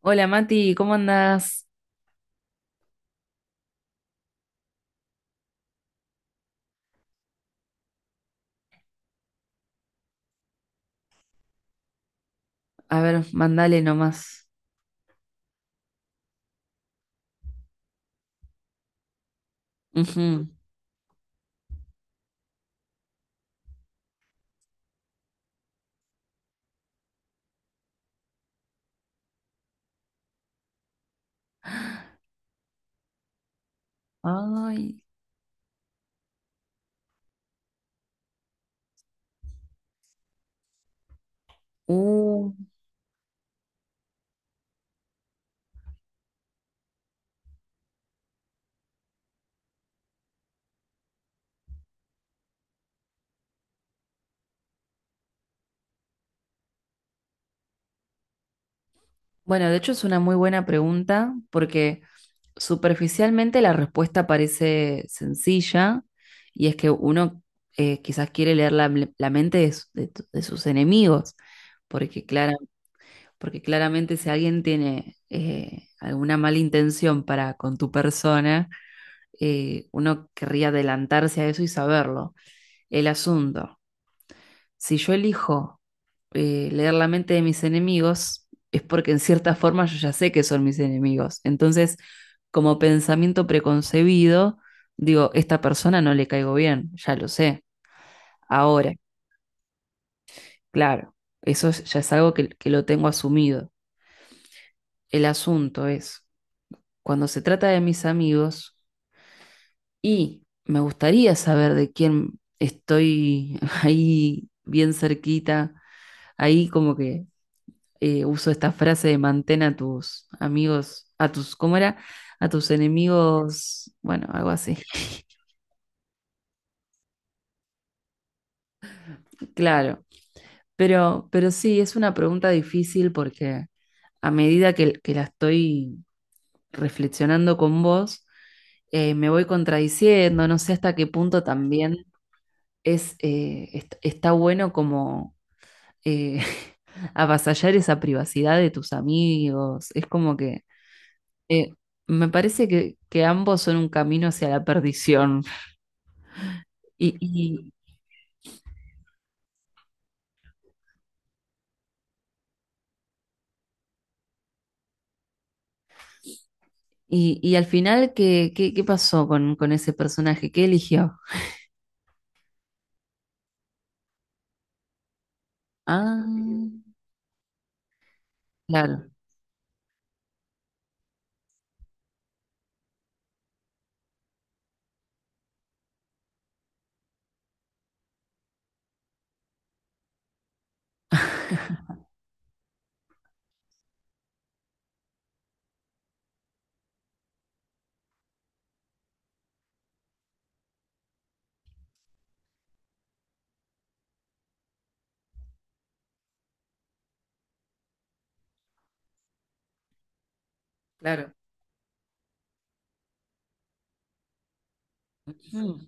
Hola Mati, ¿cómo andás? A ver, mandale nomás. Ujú. Ay, uh. Bueno, de hecho es una muy buena pregunta porque superficialmente la respuesta parece sencilla y es que uno quizás quiere leer la mente de, de sus enemigos, porque, clara- porque claramente si alguien tiene alguna mala intención para con tu persona, uno querría adelantarse a eso y saberlo. El asunto. Si yo elijo leer la mente de mis enemigos, es porque en cierta forma yo ya sé que son mis enemigos. Entonces, como pensamiento preconcebido, digo, esta persona no le caigo bien, ya lo sé. Ahora, claro, ya es algo que lo tengo asumido. El asunto es, cuando se trata de mis amigos y me gustaría saber de quién estoy ahí bien cerquita, ahí como que uso esta frase de mantén a tus amigos, a tus, ¿cómo era? A tus enemigos, bueno, algo así, claro. Pero sí, es una pregunta difícil porque a medida que la estoy reflexionando con vos, me voy contradiciendo, no sé hasta qué punto también es, está bueno como eh, avasallar esa privacidad de tus amigos. Es como que eh, me parece que ambos son un camino hacia la perdición. Y, y, y al final, ¿qué pasó con ese personaje? ¿Qué eligió? Ah, claro, claro. Mm,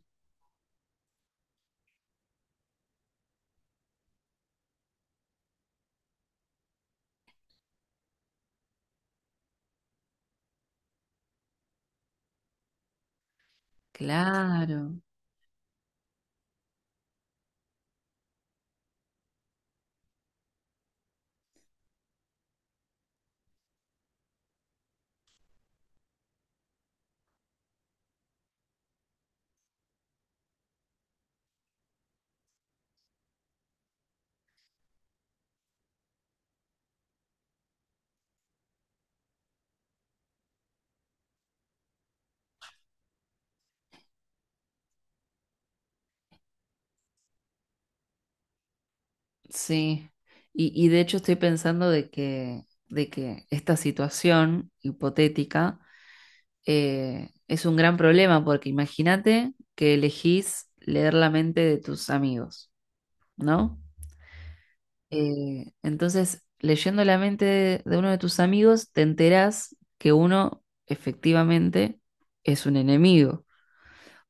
claro, sí. Y de hecho estoy pensando de que esta situación hipotética es un gran problema, porque imagínate que elegís leer la mente de tus amigos, ¿no? Entonces, leyendo la mente de uno de tus amigos, te enterás que uno efectivamente es un enemigo.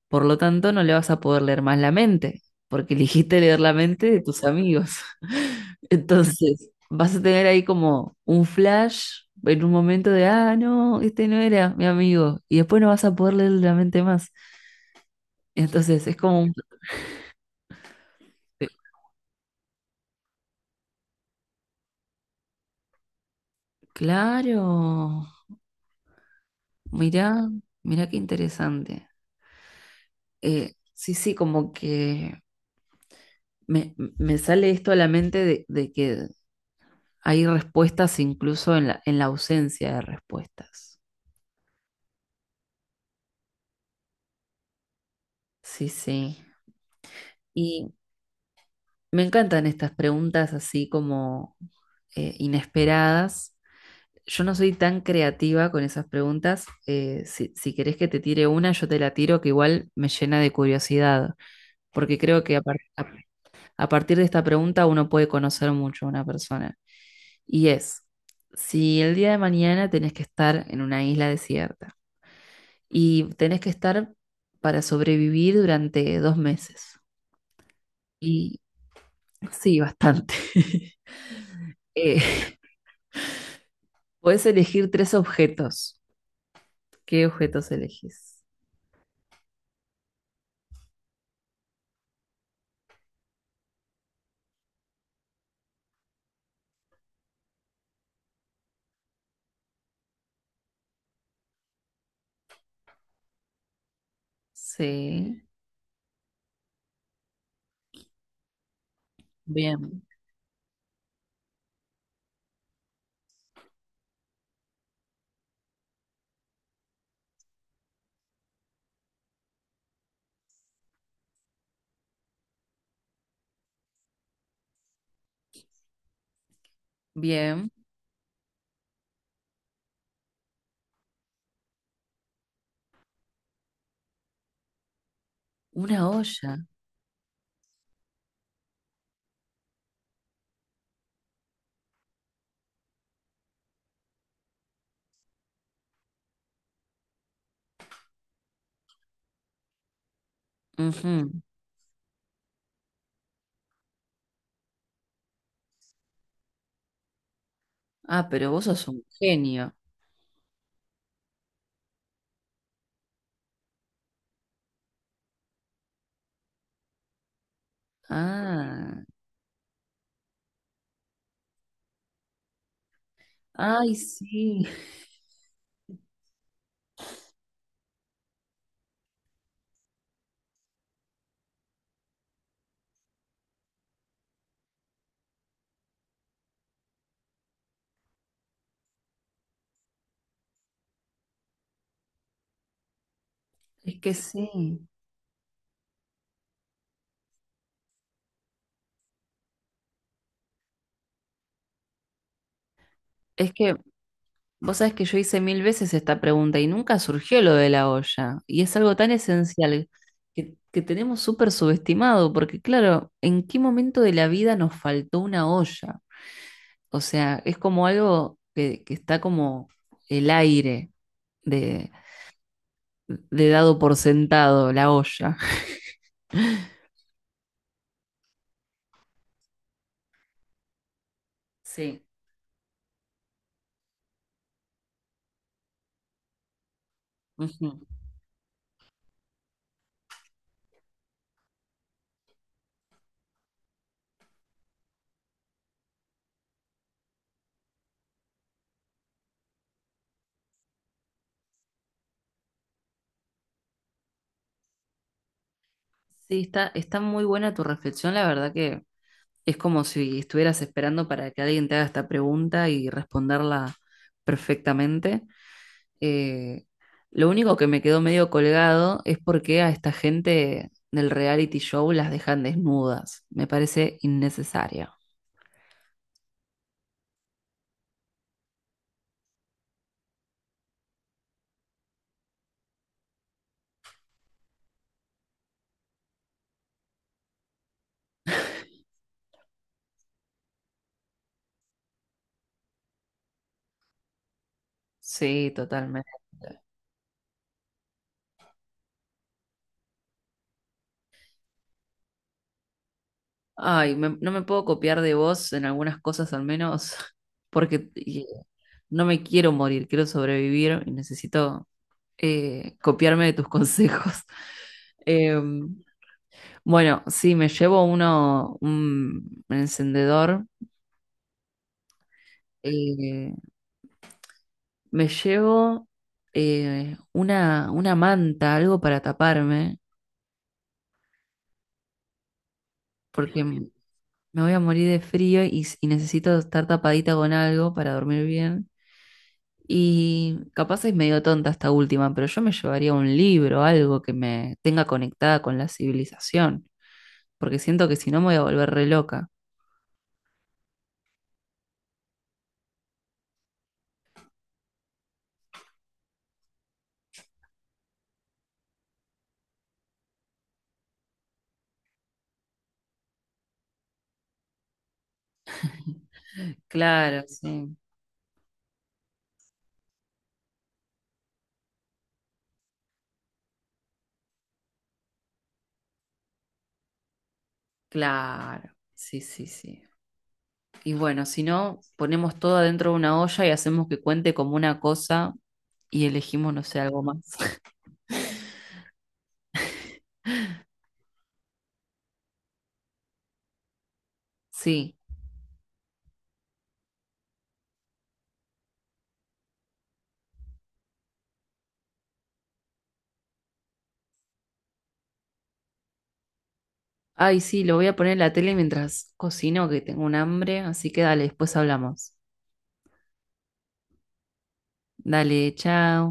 Por lo tanto, no le vas a poder leer más la mente, porque eligiste leer la mente de tus amigos. Entonces, vas a tener ahí como un flash en un momento de, ah, no, este no era mi amigo. Y después no vas a poder leer la mente más. Entonces, es como un... Claro, mirá, mirá qué interesante. Sí, sí, como que me sale esto a la mente de que hay respuestas incluso en en la ausencia de respuestas. Sí, sí. Y me encantan estas preguntas así como inesperadas. Yo no soy tan creativa con esas preguntas. Si querés que te tire una, yo te la tiro, que igual me llena de curiosidad, porque creo que a partir de esta pregunta uno puede conocer mucho a una persona. Y es, si el día de mañana tenés que estar en una isla desierta y tenés que estar para sobrevivir durante dos meses. Y sí, bastante. Eh, podés elegir tres objetos. ¿Qué objetos elegís? Sí, bien, bien. Una olla. Ujú. Ah, pero vos sos un genio. Ah, ay, sí. Es que sí. Es que vos sabés que yo hice mil veces esta pregunta y nunca surgió lo de la olla. Y es algo tan esencial que tenemos súper subestimado, porque claro, ¿en qué momento de la vida nos faltó una olla? O sea, es como algo que está como el aire de, de dado por sentado, la olla. Sí. Ujú. Sí, está, está muy buena tu reflexión, la verdad que es como si estuvieras esperando para que alguien te haga esta pregunta y responderla perfectamente. Eh, lo único que me quedó medio colgado es por qué a esta gente del reality show las dejan desnudas. Me parece innecesario. Sí, totalmente. Ay, no me puedo copiar de vos en algunas cosas al menos, porque no me quiero morir, quiero sobrevivir y necesito copiarme de tus consejos. Em, bueno, sí, me llevo uno, un encendedor. eh, Me llevo una manta, algo para taparme, porque me voy a morir de frío y necesito estar tapadita con algo para dormir bien. Y capaz es medio tonta esta última, pero yo me llevaría un libro, algo que me tenga conectada con la civilización, porque siento que si no me voy a volver re loca. Claro, sí, claro. Sí, sí, sí. Y bueno, si no, ponemos todo adentro de una olla y hacemos que cuente como una cosa y elegimos, no sé, algo más. Sí. Ay, sí, lo voy a poner en la tele mientras cocino, que tengo un hambre, así que dale, después hablamos. Dale, chao.